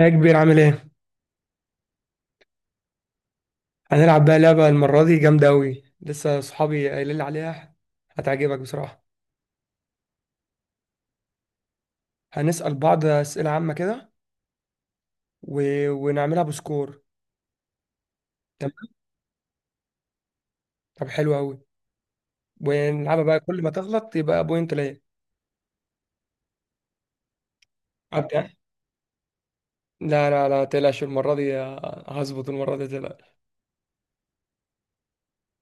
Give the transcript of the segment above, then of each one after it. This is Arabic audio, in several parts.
يا كبير، عامل ايه؟ هنلعب بقى لعبة المرة دي جامدة أوي. لسه صحابي قايلين لي عليها. هتعجبك بصراحة. هنسأل بعض أسئلة عامة كده و... ونعملها بسكور. تمام؟ طب حلو أوي. ونلعبها بقى كل ما تغلط يبقى بوينت ليا. أبدأ. لا لا لا، تقلقش المرة دي. هظبط المرة دي، تقلقش.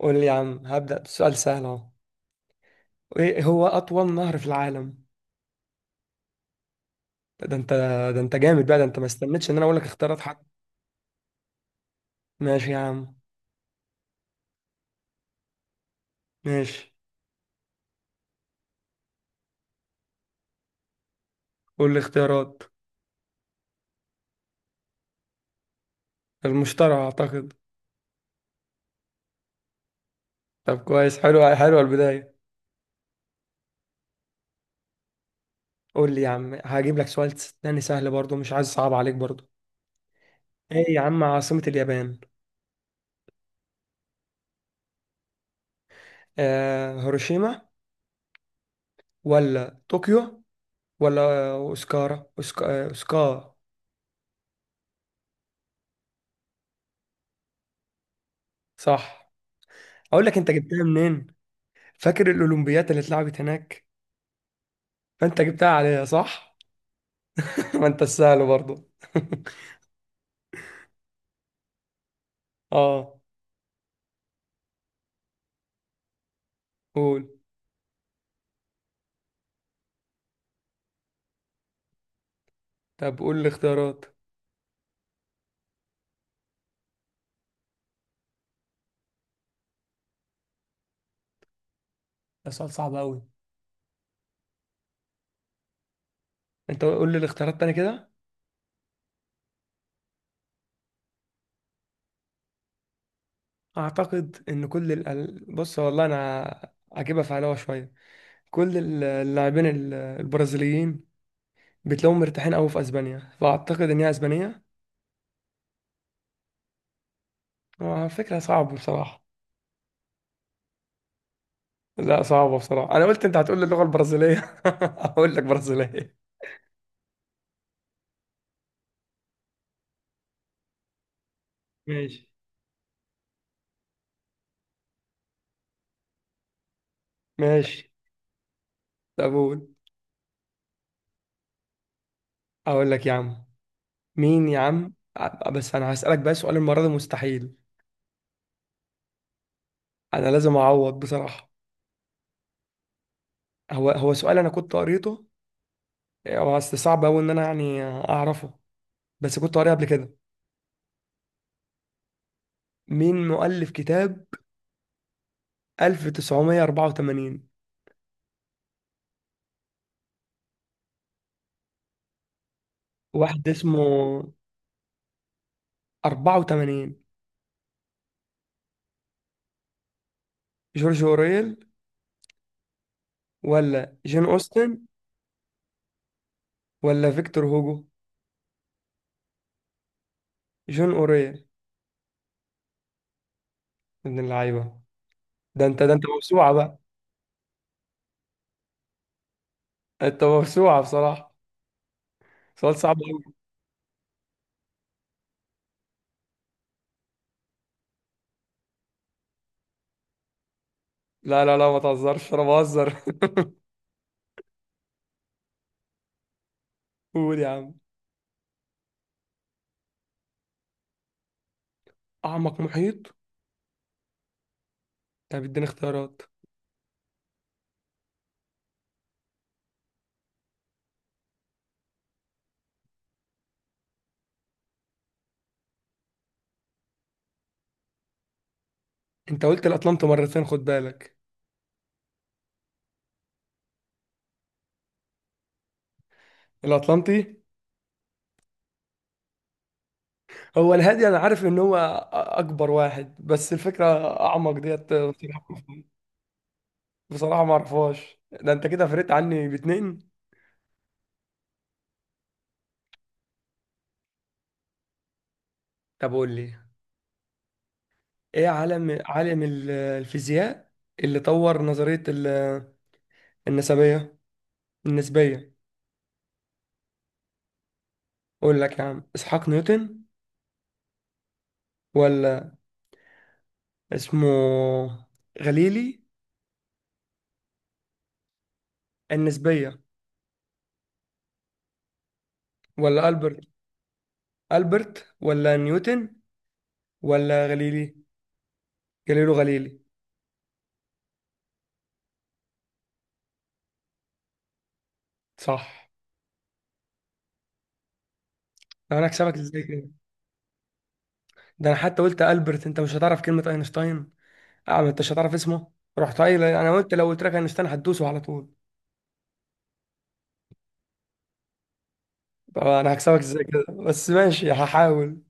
قول لي يا عم، هبدأ بسؤال سهل أهو. ايه هو أطول نهر في العالم؟ ده انت ده انت جامد بقى. ده انت ما استنيتش ان انا اقول لك اختيارات حتى. ماشي يا عم. ماشي، قول لي اختيارات. المشترى اعتقد. طب كويس، حلوه البدايه. قول لي يا عم، هجيب لك سؤال تاني سهل برضو، مش عايز صعب عليك برضو. ايه يا عم عاصمة اليابان؟ هيروشيما ولا طوكيو ولا اوسكارا أوسكا... آه، اوسكا. صح. اقول لك انت جبتها منين. فاكر الاولمبيات اللي اتلعبت هناك؟ فانت جبتها عليها صح. ما انت السهل برضو. اه، قول. طب قول الاختيارات. ده سؤال صعب قوي. انت قول لي الاختيارات تاني كده. اعتقد ان كل بص، والله انا اجيبها في علاوه شويه. كل اللاعبين البرازيليين بتلاقيهم مرتاحين قوي في اسبانيا، فاعتقد ان هي اسبانيه. هو فكره صعبه بصراحه. لا صعبه بصراحه. انا قلت انت هتقول لي اللغه البرازيليه، اقول لك برازيليه. ماشي. ماشي. طب قول. اقول لك يا عم، مين يا عم بس انا هسالك بقى سؤال المره دي مستحيل. انا لازم اعوض بصراحه. هو سؤال انا كنت قريته، إيه، بس صعب قوي ان انا يعني اعرفه. بس كنت قاري قبل كده. مين مؤلف كتاب 1984؟ واحد اسمه 84. جورج اوريل ولا جون اوستن ولا فيكتور هوجو؟ جون اوريل. ابن اللعيبه. ده انت موسوعه بقى. انت موسوعه بصراحه. سؤال صعب قوي. لا لا لا، ما تهزرش، انا بهزر. قول يا عم. اعمق محيط. طب اديني اختيارات. انت قلت الاطلنطي مرتين، خد بالك. الاطلنطي. هو الهادي انا عارف ان هو اكبر واحد، بس الفكره اعمق ديت بصراحه. بصراحة ما اعرفهاش. ده انت كده فرقت عني باتنين. طب قول لي. ايه عالم الفيزياء اللي طور نظريه النسبيه. النسبيه. اقول لك يا عم اسحاق نيوتن ولا اسمه غليلي. النسبيه. ولا البرت. البرت ولا نيوتن ولا غليلي. جاليليو غليلي. صح. طب انا هكسبك ازاي كده. ده انا حتى قلت البرت، انت مش هتعرف كلمه اينشتاين. اه، ما انتش هتعرف اسمه. رحت قايل انا قلت لو قلت لك اينشتاين هتدوسه على طول. طب انا هكسبك ازاي كده، بس ماشي هحاول.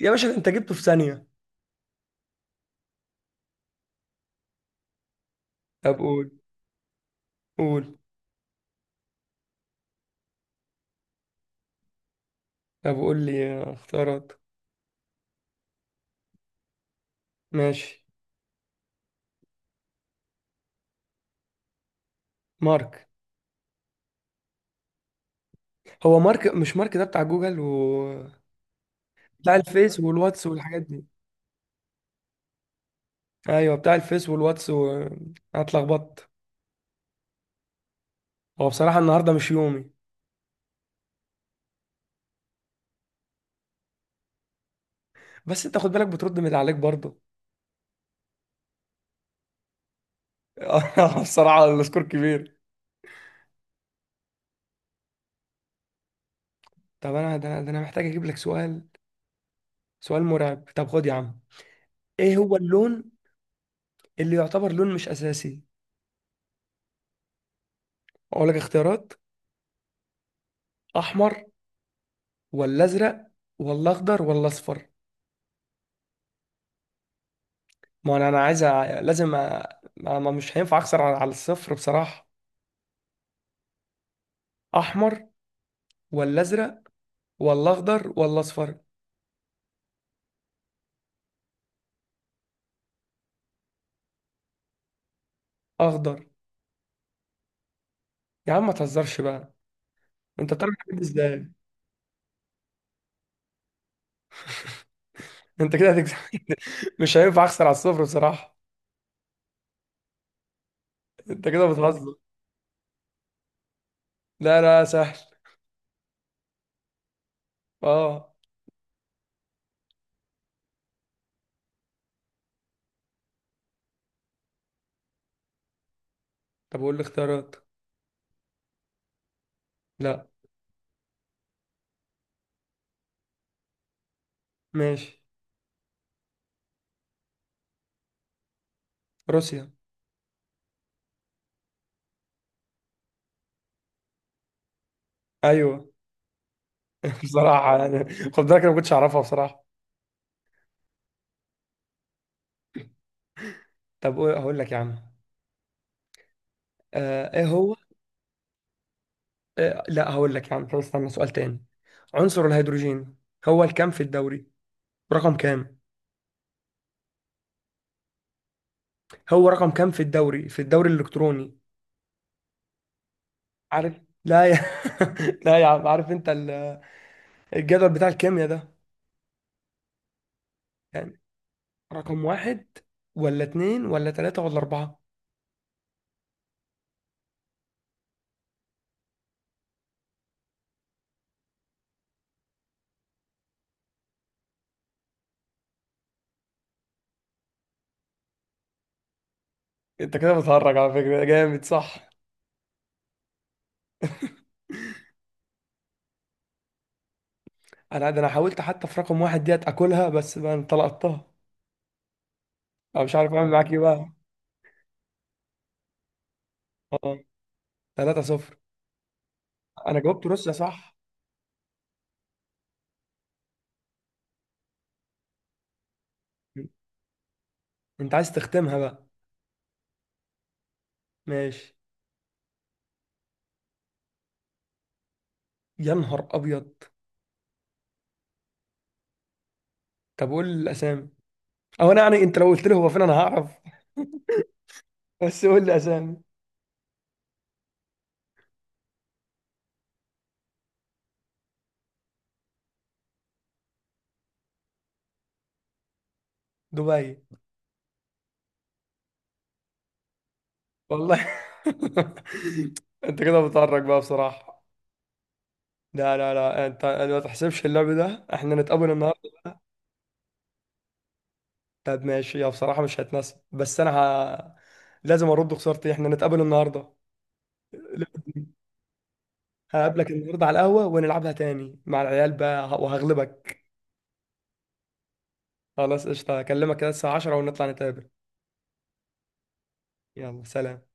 يا باشا ده انت جبته في ثانيه. طب قول. قول. طب قول لي اختيارات. ماشي. مارك. هو مارك، مش مارك ده بتاع جوجل و... بتاع الفيس والواتس والحاجات دي. ايوه بتاع الفيس والواتس أنا اتلخبطت. هو بصراحه النهارده مش يومي. بس انت خد بالك بترد من اللي عليك برضه. بصراحه السكور كبير. طب انا ده انا ده أنا محتاج اجيب لك سؤال. سؤال مرعب، طب خد يا عم. ايه هو اللون اللي يعتبر لون مش اساسي؟ اقول لك اختيارات. احمر ولا ازرق ولا اخضر ولا اصفر؟ ما انا عايز لازم مش هينفع اخسر على الصفر بصراحة. احمر ولا ازرق ولا اخضر ولا اصفر؟ اخضر. يا عم ما تهزرش بقى. انت بتعرف الحاجات دي ازاي؟ انت كده هتكسب. مش هينفع اخسر على الصفر بصراحة. انت كده بتهزر. لا لا، سهل. اه. طب قول لي اختيارات. لا. ماشي. روسيا. ايوه. بصراحه يعني. خد بالك انا ما كنتش اعرفها بصراحه. طب هقول لك يا عم. ايه هو. لا، هقول لك يا عم. طب استنى سؤال تاني. عنصر الهيدروجين هو الكام في الدوري؟ رقم كام. هو رقم كام في الدوري الالكتروني. عارف، لا يا. لا يا عم، عارف انت الجدول بتاع الكيمياء ده. يعني رقم واحد ولا اتنين ولا تلاتة ولا اربعة. انت كده بتهرج على فكرة جامد، صح. انا ده انا حاولت حتى في رقم واحد ديت اكلها، بس بقى انت لقطتها. انا مش عارف اعمل معاك ايه بقى. اه. 3-0. انا جاوبت روسيا صح. م. انت عايز تختمها بقى. ماشي. يا نهار ابيض. طب قول لي الاسامي. او انا يعني، انت لو قلت لي هو فين انا هعرف. بس قول لي اسامي. دبي. والله. انت كده بتعرج بقى بصراحة. لا لا لا، أنا ما تحسبش اللعب ده، احنا نتقابل النهارده. طب ماشي يا بصراحة، مش هتناسب، لازم ارد خسارتي، احنا نتقابل النهارده. هقابلك النهارده على القهوة ونلعبها تاني مع العيال بقى وهغلبك. خلاص قشطة، هكلمك كده الساعة 10 ونطلع نتقابل. يلا سلام.